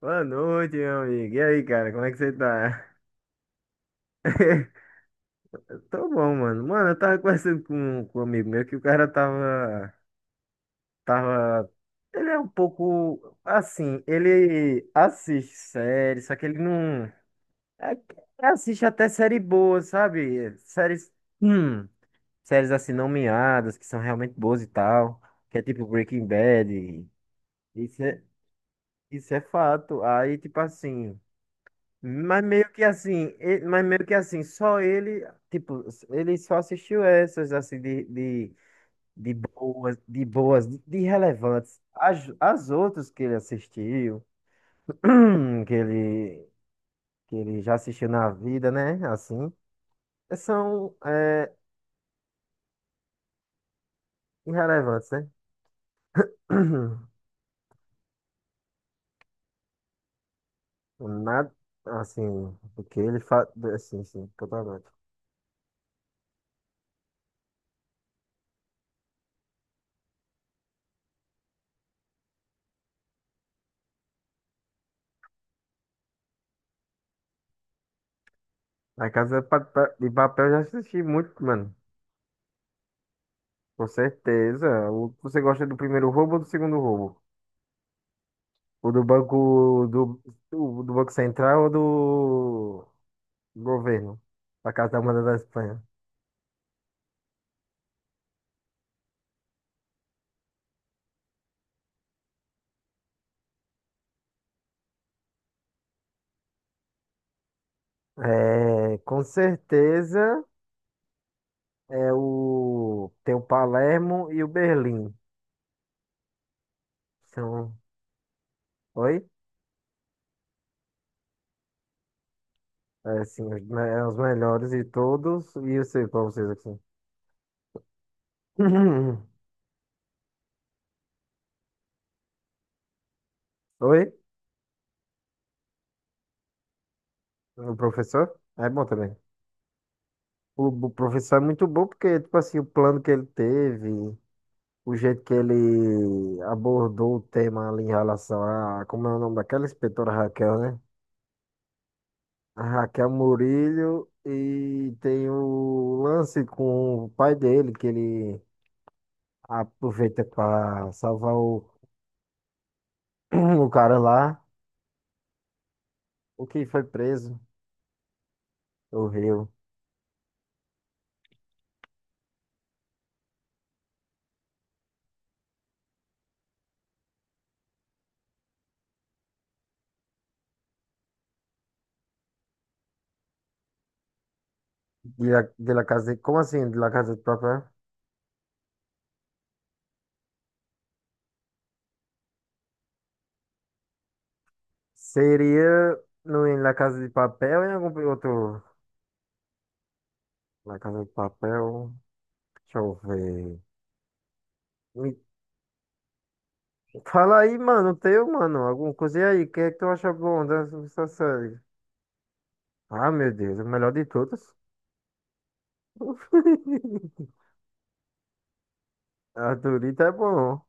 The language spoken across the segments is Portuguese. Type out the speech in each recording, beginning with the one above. Boa noite, meu amigo. E aí, cara, como é que você tá? Tô bom, mano. Mano, eu tava conversando com um amigo meu que o cara tava, tava. Ele é um pouco assim, ele assiste séries, só que ele não. é ele assiste até série boa, sabe? Séries. Hum, séries assim, não miadas, que são realmente boas e tal. Que é tipo Breaking Bad. Isso é, isso é fato. Aí, tipo assim. Mas meio que assim, mas meio que assim, só ele, tipo, ele só assistiu essas assim de boas, de boas, de relevantes. As outras que ele assistiu, que ele, que ele já assistiu na vida, né? Assim, são é, irrelevantes, né? Nada, assim, porque ele faz, assim, sim, totalmente. A Casa de Papel eu já assisti muito, mano. Com certeza. Você gosta do primeiro roubo ou do segundo roubo? O do do Banco Central ou do governo? Da Casa da Moeda da Espanha. É, com certeza é o tem o Palermo e o Berlim. São, oi? É, sim, é os melhores de todos. E eu sei pra vocês aqui. Oi? O professor? É bom também. O professor é muito bom porque, tipo assim, o plano que ele teve. O jeito que ele abordou o tema ali em relação a, como é o nome daquela inspetora Raquel, né? A Raquel Murillo e tem o lance com o pai dele, que ele aproveita para salvar o, o cara lá, o que foi preso o Rio. De La Casa de, como assim, de La Casa de Papel? Seria no, em La Casa de Papel ou em algum outro. La Casa de Papel, deixa eu ver. Fala aí, mano, teu, mano, alguma coisa aí, o que é que tu acha bom dessa série? Ah, meu Deus, o melhor de todas. A Dorita é bom.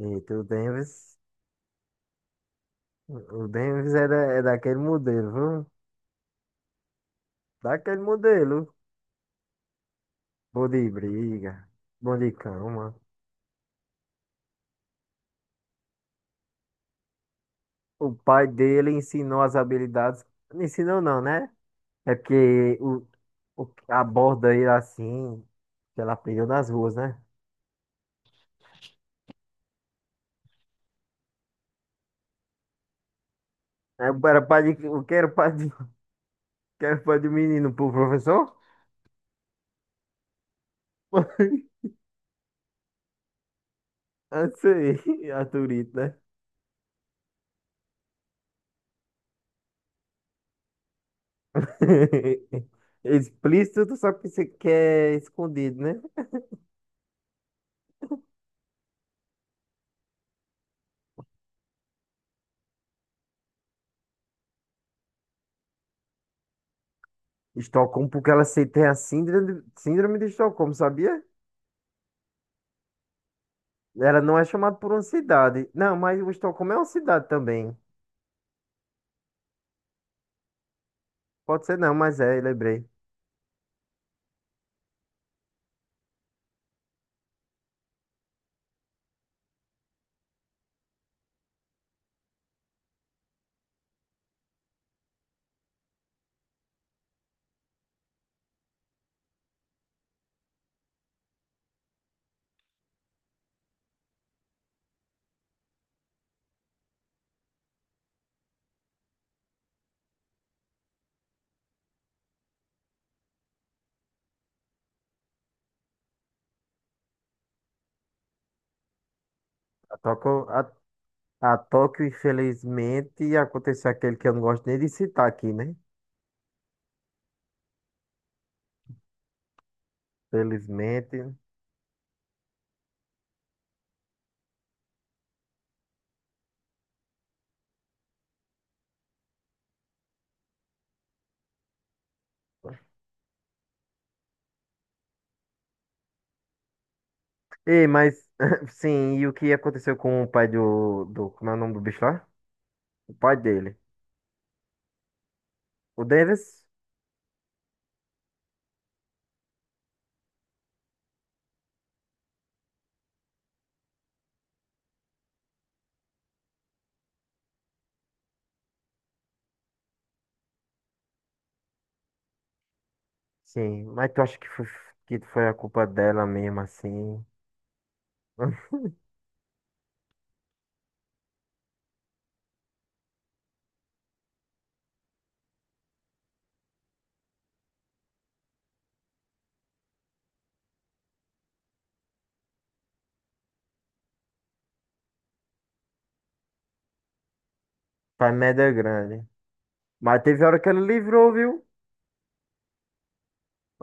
Eita, o Davis é, da, é daquele modelo, viu? Daquele modelo. Bom de briga, bom de cama. O pai dele ensinou as habilidades, não ensinou não, né? É porque o aborda ele assim, que ela aprendeu nas ruas, né? É, era o pai de, o que era pai de. Quer foi de menino pro professor? Eu sei, Arthurito, né? Explícito, tu sabe que você quer escondido, né? Estocolmo, porque ela se- tem a síndrome, síndrome de Estocolmo, sabia? Ela não é chamada por uma cidade. Não, mas o Estocolmo é uma cidade também. Pode ser não, mas é, lembrei. A Tóquio, a, a Tóquio, infelizmente, aconteceu aquele que eu não gosto nem de citar aqui, né? Felizmente. Ei, mas, sim, e o que aconteceu com o pai do, como é o nome do bicho lá? O pai dele. O Davis? Sim, mas tu acha que foi a culpa dela mesmo, assim? Pai merda grande. Mas teve hora que ele livrou, viu?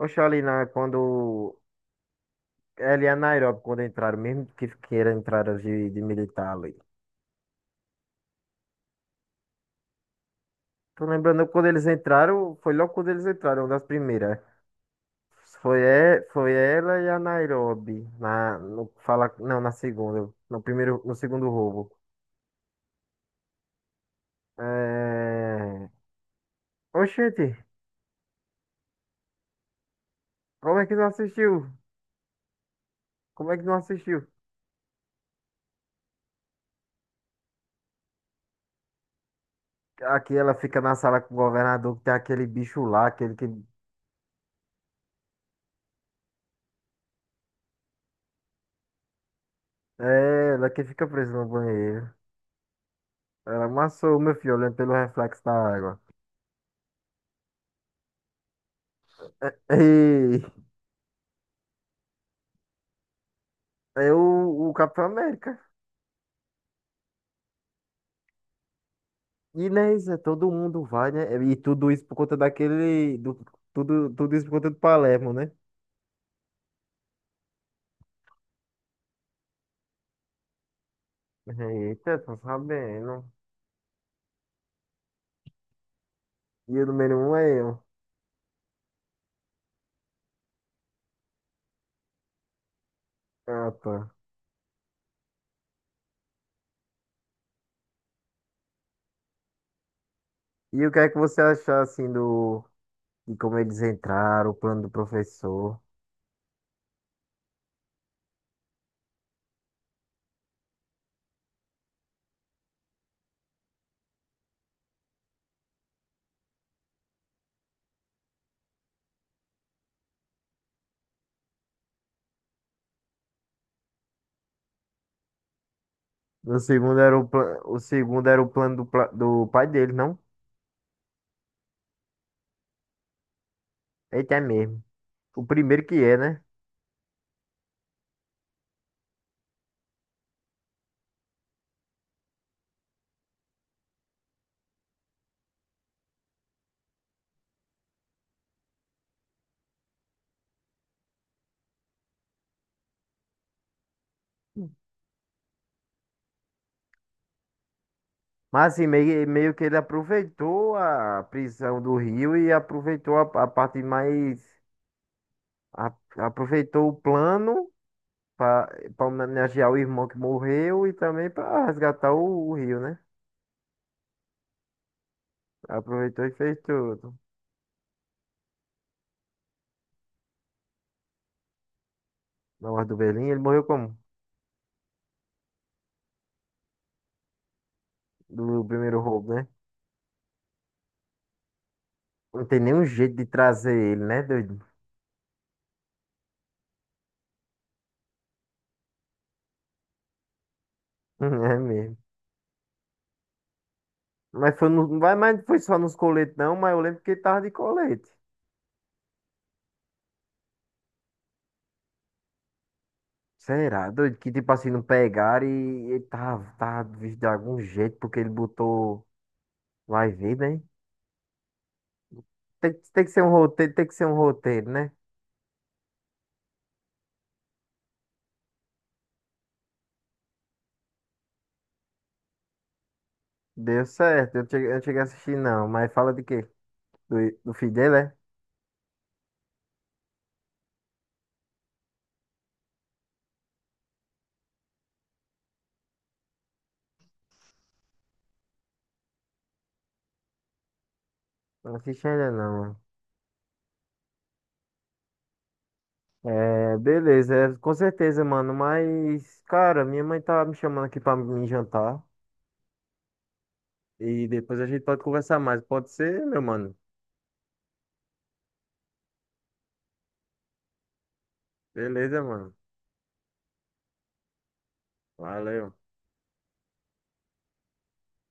Oxalá, na, quando, ela e a Nairobi, quando entraram, mesmo que era entraram de militar ali. Tô lembrando quando eles entraram, foi logo quando eles entraram, uma das primeiras. Foi, foi ela e a Nairobi na no fala não na segunda no primeiro no segundo roubo. É. Oxente, como é que não assistiu? Como é que não assistiu? Aqui ela fica na sala com o governador que tem aquele bicho lá, aquele que é ela que fica presa no banheiro. Ela amassou meu filho olhando pelo reflexo da água. E é o Capitão América. E né, isso é todo mundo vai, né? E tudo isso por conta daquele do tudo isso por conta do Palermo, né? Eita, tô sabendo. E o número um é eu. Ah, tá. E o que é que você achou, assim, do. De como eles entraram, o plano do professor. O segundo era o, o segundo era o plano do, do pai dele, não? Eita, é mesmo. O primeiro que é, né? Mas assim, meio, meio que ele aproveitou a prisão do Rio e aproveitou a parte mais. A- aproveitou o plano para homenagear o irmão que morreu e também para resgatar o Rio, né? Aproveitou e fez tudo. Na morte do Berlim ele morreu como? Do primeiro roubo, né? Não tem nenhum jeito de trazer ele, né, doido? É mesmo. Mas foi no. Mas não foi só nos coletes, não, mas eu lembro que ele tava de colete. Será, doido? Que tipo assim, não pegaram e ele tava, tava visto de algum jeito, porque ele botou. Vai ver, né? Tem, tem que ser um roteiro, tem que ser um roteiro, né? Deu certo, eu não cheguei a assistir, não. Mas fala de quê? Do, do filho dele, é? Não assisti ainda, não. É, beleza, é, com certeza, mano. Mas, cara, minha mãe tá me chamando aqui pra me jantar. E depois a gente pode conversar mais. Pode ser, meu mano? Beleza, mano. Valeu.